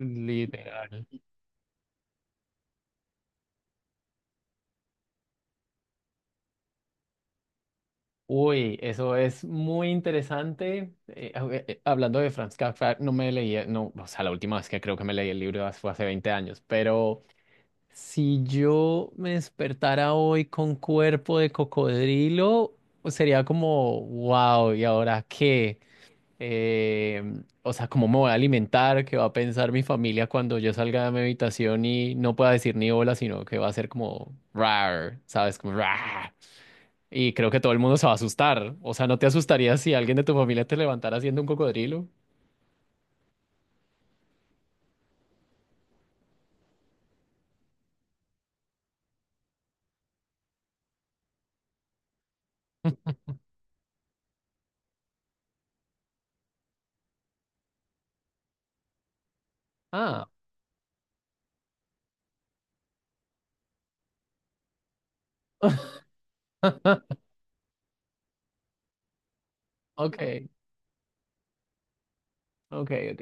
Literal. Uy, eso es muy interesante. Hablando de Franz Kafka, no me leí, no, o sea, la última vez que creo que me leí el libro fue hace 20 años, pero si yo me despertara hoy con cuerpo de cocodrilo, pues sería como, wow, ¿y ahora qué? Eh, o sea, ¿cómo me voy a alimentar? ¿Qué va a pensar mi familia cuando yo salga de mi habitación y no pueda decir ni hola, sino que va a ser como, rar, ¿sabes? Como, rar. Y creo que todo el mundo se va a asustar. O sea, ¿no te asustaría si alguien de tu familia te levantara haciendo un cocodrilo? Ah, ok, ok, ok.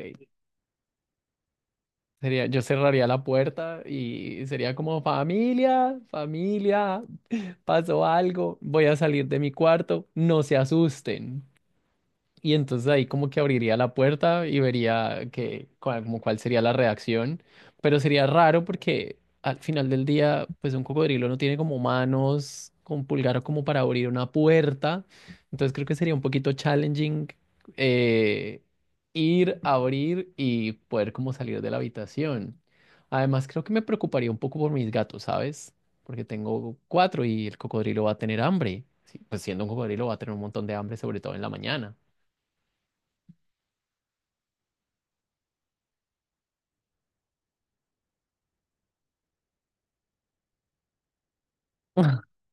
Sería, yo cerraría la puerta y sería como familia, familia, pasó algo, voy a salir de mi cuarto, no se asusten. Y entonces ahí como que abriría la puerta y vería que, cuál- como cuál sería la reacción. Pero sería raro porque al final del día, pues un cocodrilo no tiene como manos con pulgar como para abrir una puerta. Entonces creo que sería un poquito challenging eh, ir, abrir y poder como salir de la habitación. Además creo que me preocuparía un poco por mis gatos, ¿sabes? Porque tengo cuatro y el cocodrilo va a tener hambre. Sí, pues siendo un cocodrilo va a tener un montón de hambre, sobre todo en la mañana.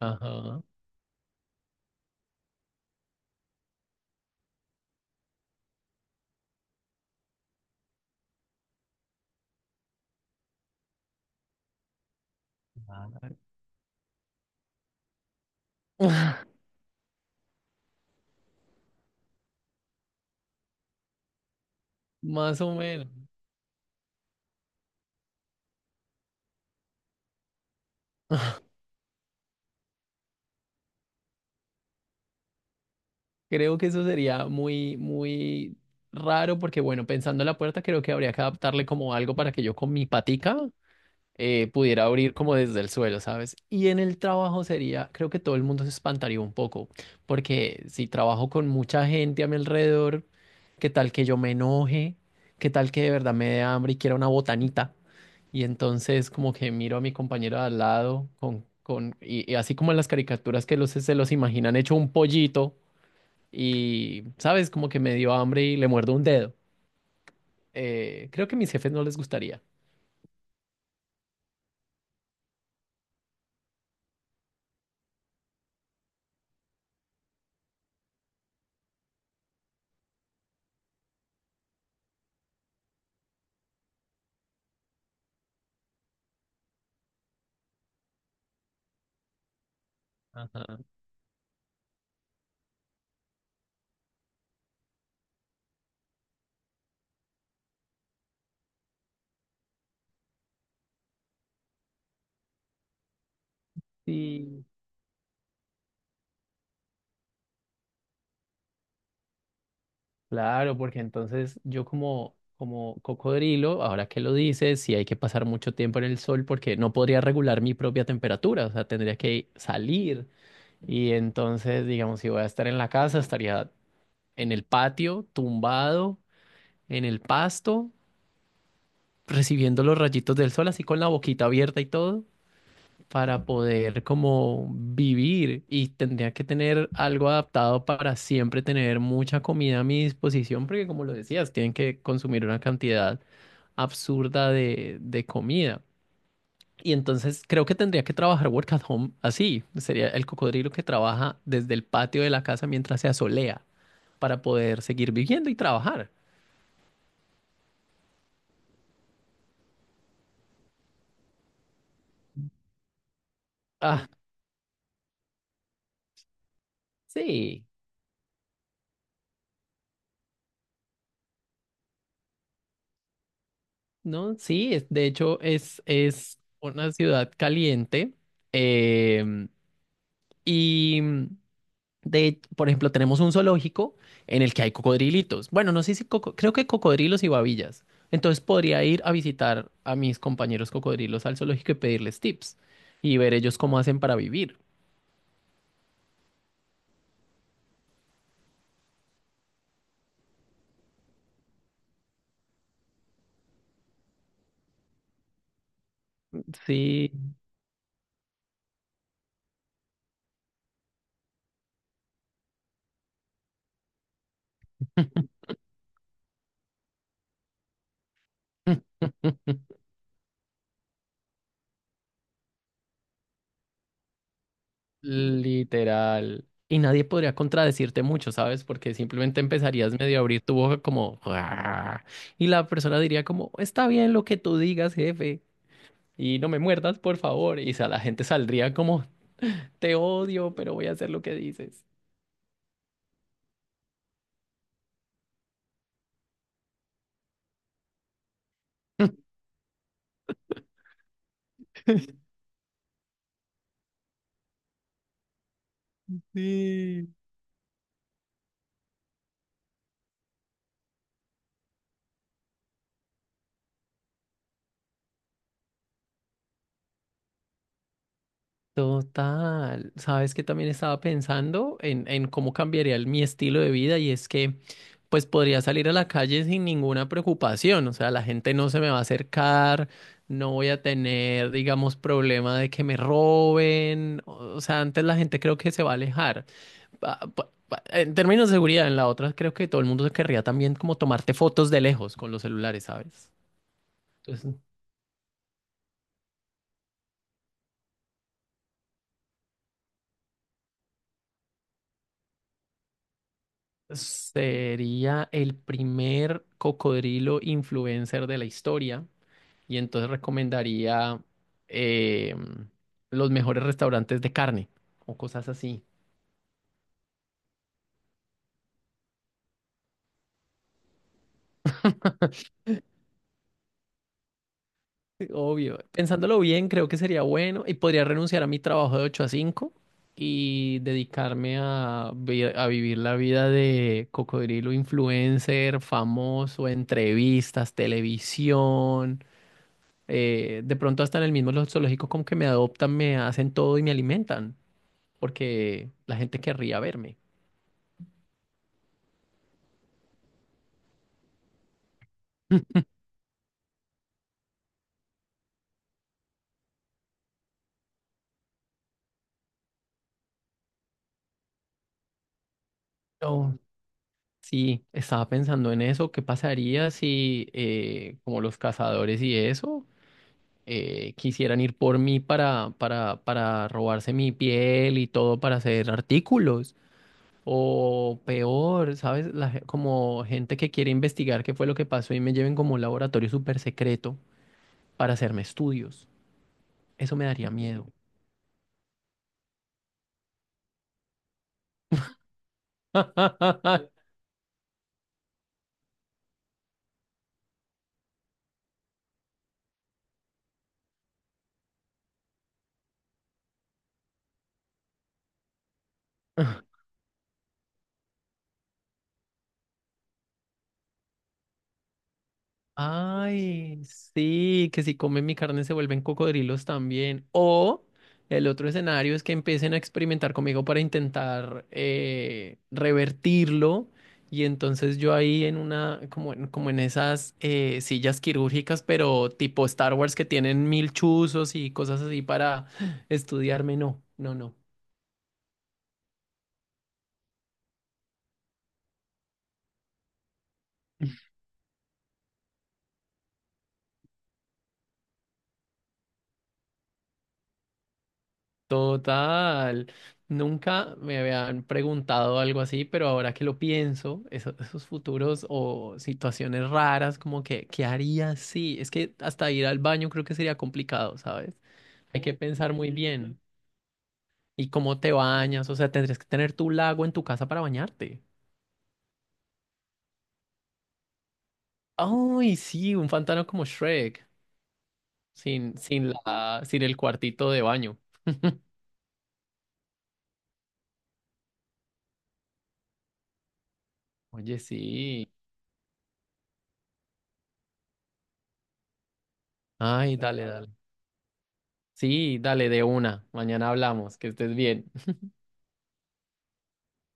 Ajá. Más o menos. Creo que eso sería muy, muy raro porque, bueno, pensando en la puerta, creo que habría que adaptarle como algo para que yo con mi patica pudiera abrir como desde el suelo, ¿sabes? Y en el trabajo sería, creo que todo el mundo se espantaría un poco, porque si trabajo con mucha gente a mi alrededor, ¿qué tal que yo me enoje? ¿Qué tal que de verdad me dé hambre y quiera una botanita? Y entonces como que miro a mi compañero de al lado y así como en las caricaturas que se los imaginan hecho un pollito y, ¿sabes? Como que me dio hambre y le muerdo un dedo. Creo que a mis jefes no les gustaría. Ajá. Sí. Claro, porque entonces yo como, como cocodrilo, ahora que lo dices, sí hay que pasar mucho tiempo en el sol porque no podría regular mi propia temperatura, o sea, tendría que salir. Y entonces, digamos, si voy a estar en la casa, estaría en el patio, tumbado en el pasto, recibiendo los rayitos del sol, así con la boquita abierta y todo, para poder como vivir. Y tendría que tener algo adaptado para siempre tener mucha comida a mi disposición, porque como lo decías, tienen que consumir una cantidad absurda de comida. Y entonces creo que tendría que trabajar work at home así. Sería el cocodrilo que trabaja desde el patio de la casa mientras se asolea para poder seguir viviendo y trabajar. Ah, sí. No, sí, es- de hecho es una ciudad caliente em, y de, por ejemplo, tenemos un zoológico en el que hay cocodrilitos. Bueno, no sé si coco- creo que cocodrilos y babillas. Entonces podría ir a visitar a mis compañeros cocodrilos al zoológico y pedirles tips y ver ellos cómo hacen para vivir. Sí. Literal. Y nadie podría contradecirte mucho, ¿sabes? Porque simplemente empezarías medio a abrir tu boca como... "Guau". Y la persona diría como, está bien lo que tú digas, jefe. Y no me muerdas, por favor. Y sa- la gente saldría como, te odio, pero voy a hacer lo que dices. Sí. Total, sabes que también estaba pensando en cómo cambiaría el- mi estilo de vida y es que pues podría salir a la calle sin ninguna preocupación, o sea, la gente no se me va a acercar, no voy a tener, digamos, problema de que me roben, o sea, antes la gente creo que se va a alejar. En términos de seguridad, en la otra creo que todo el mundo se querría también como tomarte fotos de lejos con los celulares, ¿sabes? Sería el primer cocodrilo influencer de la historia y entonces recomendaría eh, los mejores restaurantes de carne o cosas así. Sí, obvio. Pensándolo bien, creo que sería bueno y podría renunciar a mi trabajo de 8 a 5 y dedicarme a, vi- a vivir la vida de cocodrilo influencer, famoso, entrevistas, televisión. De pronto hasta en el mismo lo- zoológico como que me adoptan, me hacen todo y me alimentan, porque la gente querría verme. Oh. Sí, estaba pensando en eso, ¿qué pasaría si como los cazadores y eso quisieran ir por mí para, robarse mi piel y todo para hacer artículos? O peor, ¿sabes? La ge- como gente que quiere investigar qué fue lo que pasó y me lleven como a un laboratorio súper secreto para hacerme estudios. Eso me daría miedo. Ay, sí, que si comen mi carne se vuelven cocodrilos también. O el otro escenario es que empiecen a experimentar conmigo para intentar revertirlo. Y entonces yo ahí en como en esas sillas quirúrgicas, pero tipo Star Wars que tienen mil chuzos y cosas así para estudiarme. No, no, no. Total. Nunca me habían preguntado algo así, pero ahora que lo pienso, esos futuros o situaciones raras, como que, ¿qué haría si? Es que hasta ir al baño creo que sería complicado, ¿sabes? Hay que pensar muy bien. ¿Y cómo te bañas? O sea, tendrías que tener tu lago en tu casa para bañarte. Ay, sí, un pantano como Shrek, sin el cuartito de baño. Oye, sí. Ay, dale, dale. Sí, dale de una. Mañana hablamos. Que estés bien.